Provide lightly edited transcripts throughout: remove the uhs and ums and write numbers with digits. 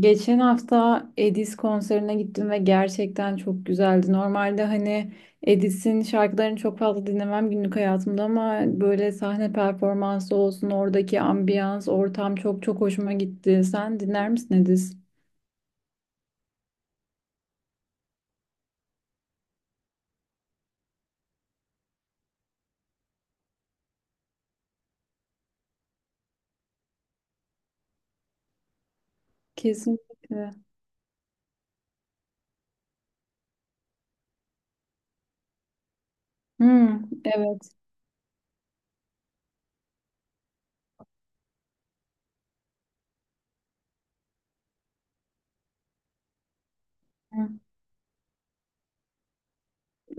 Geçen hafta Edis konserine gittim ve gerçekten çok güzeldi. Normalde hani Edis'in şarkılarını çok fazla dinlemem günlük hayatımda ama böyle sahne performansı olsun, oradaki ambiyans, ortam çok hoşuma gitti. Sen dinler misin Edis? Kesinlikle. Hmm, evet.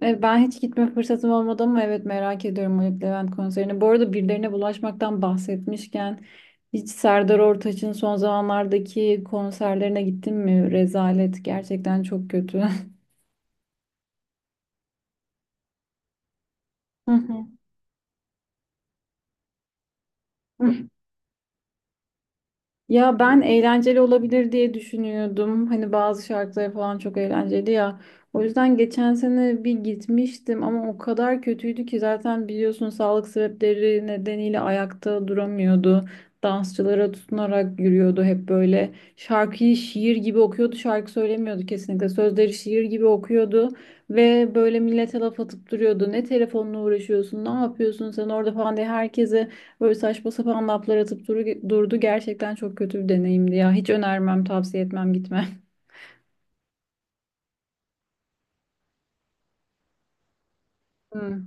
Ben hiç gitme fırsatım olmadı ama evet merak ediyorum Haluk Levent konserini. Bu arada birilerine bulaşmaktan bahsetmişken hiç Serdar Ortaç'ın son zamanlardaki konserlerine gittin mi? Rezalet, gerçekten çok kötü. Hı hı. Ya ben eğlenceli olabilir diye düşünüyordum. Hani bazı şarkıları falan çok eğlenceli ya. O yüzden geçen sene bir gitmiştim ama o kadar kötüydü ki, zaten biliyorsun, sağlık sebepleri nedeniyle ayakta duramıyordu. Dansçılara tutunarak yürüyordu hep böyle. Şarkıyı şiir gibi okuyordu, şarkı söylemiyordu kesinlikle. Sözleri şiir gibi okuyordu ve böyle millete laf atıp duruyordu. Ne telefonla uğraşıyorsun, ne yapıyorsun sen orada falan diye herkese böyle saçma sapan laflar atıp durdu. Gerçekten çok kötü bir deneyimdi ya. Hiç önermem, tavsiye etmem, gitme. Hı.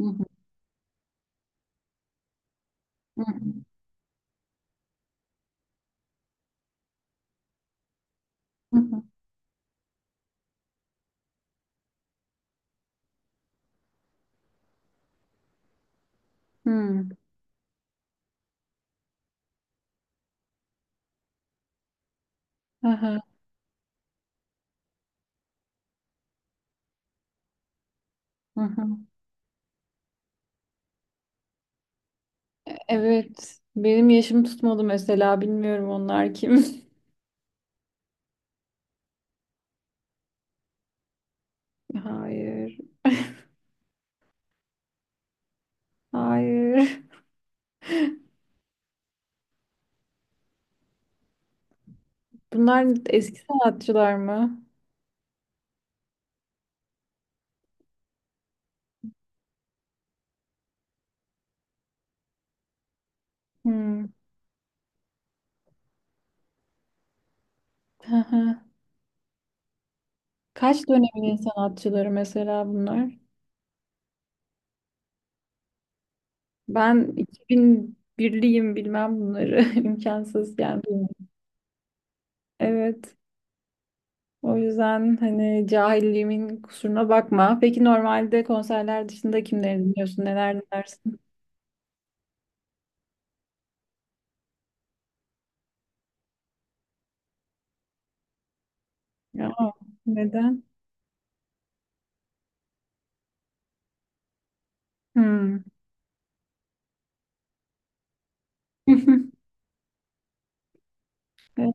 Hı hı. Hı hı. Hı. Hı hı. Hı hı. Evet. Benim yaşım tutmadı mesela. Bilmiyorum onlar kim. Hayır. Hayır. Bunlar eski sanatçılar mı? Hmm. Hı hı. Kaç dönemin sanatçıları mesela bunlar? Ben 2001'liyim, bilmem bunları. İmkansız yani. Evet. O yüzden hani cahilliğimin kusuruna bakma. Peki normalde konserler dışında kimleri dinliyorsun? Neler dinlersin? Ya, neden? Hmm. Evet.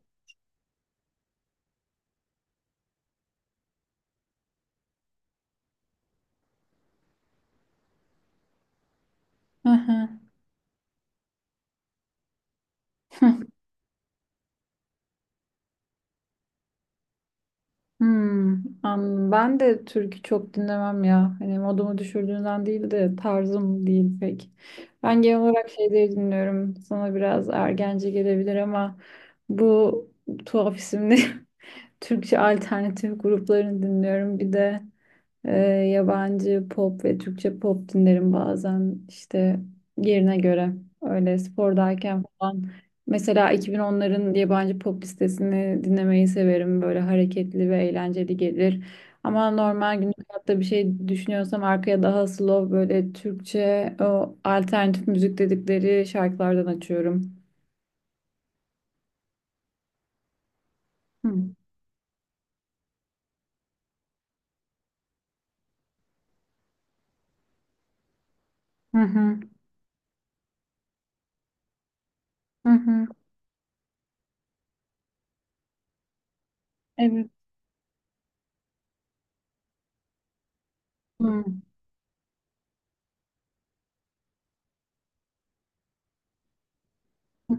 Aha. Hmm. Ben de türkü çok dinlemem ya. Hani modumu düşürdüğünden değil de tarzım değil pek. Ben genel olarak şeyleri dinliyorum. Sana biraz ergence gelebilir ama bu tuhaf isimli Türkçe alternatif gruplarını dinliyorum. Bir de Ee, yabancı pop ve Türkçe pop dinlerim bazen işte, yerine göre, öyle spordayken falan. Mesela 2010'ların yabancı pop listesini dinlemeyi severim. Böyle hareketli ve eğlenceli gelir. Ama normal günlük hayatta bir şey düşünüyorsam arkaya daha slow böyle Türkçe, o alternatif müzik dedikleri şarkılardan açıyorum. Hı hı hı. Hı hı. Evet. Hı hı. Hı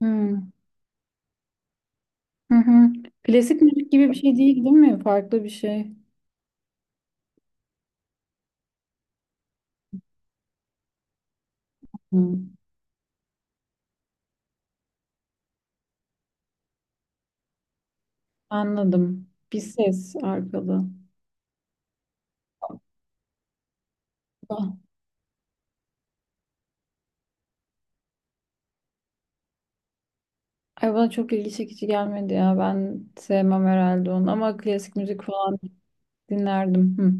hı. Hı hı. Klasik müzik gibi bir şey değil, değil mi? Farklı bir şey. Hı, anladım. Bir ses arkalı. Ah, ay bana çok ilgi çekici gelmedi ya. Ben sevmem herhalde onu ama klasik müzik falan dinlerdim. Hı.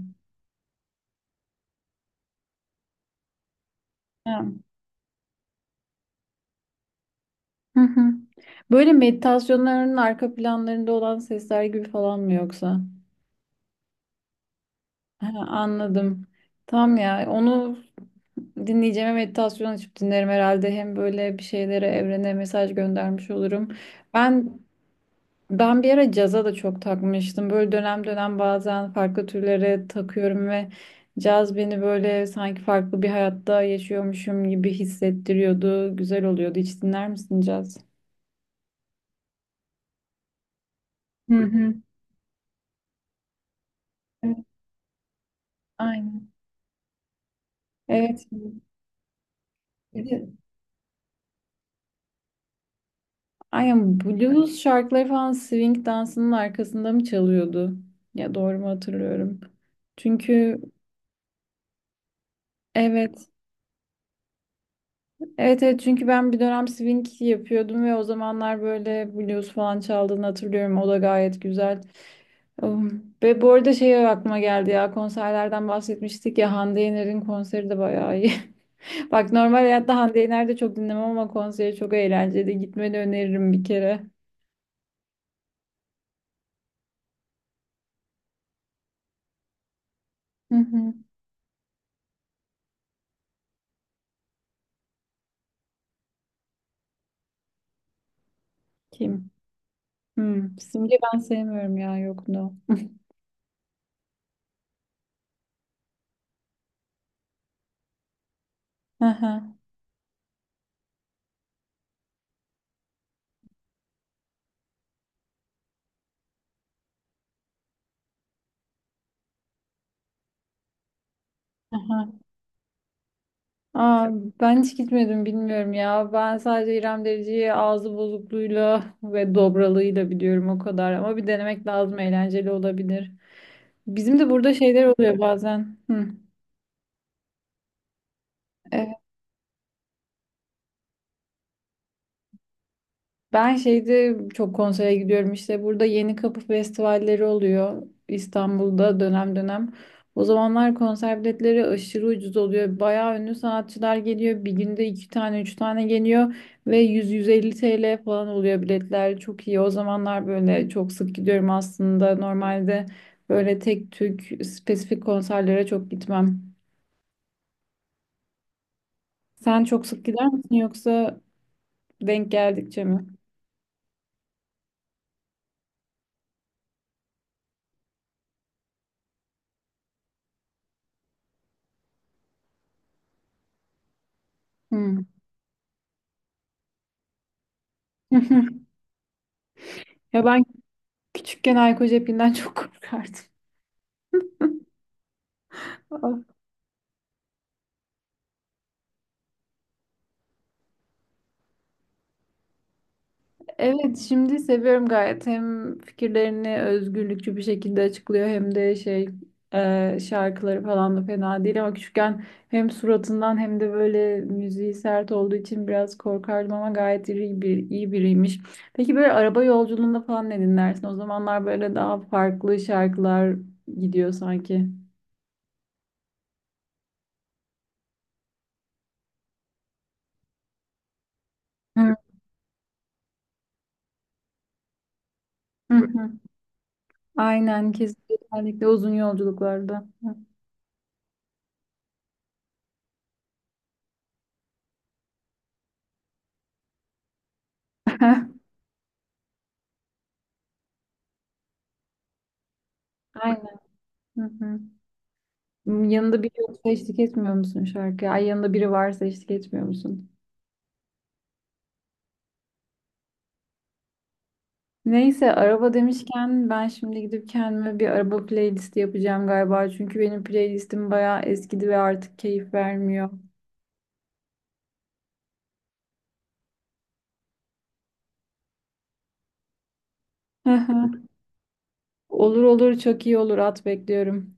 Ha, hı hı. Böyle meditasyonların arka planlarında olan sesler gibi falan mı yoksa? Ha, anladım. Tamam ya. Onu dinleyeceğime meditasyon açıp dinlerim herhalde. Hem böyle bir şeylere, evrene mesaj göndermiş olurum. Ben Ben bir ara caza da çok takmıştım. Böyle dönem dönem bazen farklı türlere takıyorum ve caz beni böyle sanki farklı bir hayatta yaşıyormuşum gibi hissettiriyordu. Güzel oluyordu. Hiç dinler misin caz? Hı hı. Evet. Aynen. Evet. Bir de Aynen. Blues şarkıları falan swing dansının arkasında mı çalıyordu? Ya doğru mu hatırlıyorum? Çünkü evet Evet evet, çünkü ben bir dönem swing yapıyordum ve o zamanlar böyle blues falan çaldığını hatırlıyorum. O da gayet güzel. Ve bu arada şey aklıma geldi, ya konserlerden bahsetmiştik ya, Hande Yener'in konseri de bayağı iyi. Bak, normal hayatta Hande Yener de çok dinlemem ama konseri çok eğlenceli. Gitmeni öneririm bir kere. Hı hı. Kim? Hmm. Simge ben sevmiyorum ya, yok, no. Hı hı. Aa, ben hiç gitmedim, bilmiyorum ya. Ben sadece İrem Derici'yi ağzı bozukluğuyla ve dobralığıyla biliyorum, o kadar. Ama bir denemek lazım, eğlenceli olabilir. Bizim de burada şeyler oluyor bazen. Hı. Ben şeyde çok konsere gidiyorum işte, burada Yeni Kapı festivalleri oluyor İstanbul'da dönem dönem. O zamanlar konser biletleri aşırı ucuz oluyor. Bayağı ünlü sanatçılar geliyor. Bir günde iki tane, üç tane geliyor ve 100-150 TL falan oluyor biletler. Çok iyi. O zamanlar böyle çok sık gidiyorum aslında. Normalde böyle tek tük spesifik konserlere çok gitmem. Sen çok sık gider misin, yoksa denk geldikçe mi? Hmm. Ya ben Küçükken alkol cepinden çok korkardım. Evet, şimdi seviyorum gayet. Hem fikirlerini özgürlükçü bir şekilde açıklıyor hem de şey, şarkıları falan da fena değil ama küçükken hem suratından hem de böyle müziği sert olduğu için biraz korkardım ama gayet iyi biriymiş. Peki böyle araba yolculuğunda falan ne dinlersin? O zamanlar böyle daha farklı şarkılar gidiyor sanki. Hı hı hı. Aynen, kesinlikle uzun yolculuklarda. Aynen. Hı hı. Hmm, yanında biri yoksa eşlik etmiyor musun şarkıya? Ay, yanında biri varsa eşlik etmiyor musun? Neyse, araba demişken ben şimdi gidip kendime bir araba playlisti yapacağım galiba. Çünkü benim playlistim bayağı eskidi ve artık keyif vermiyor. Hı hı. Olur olur, çok iyi olur, at, bekliyorum.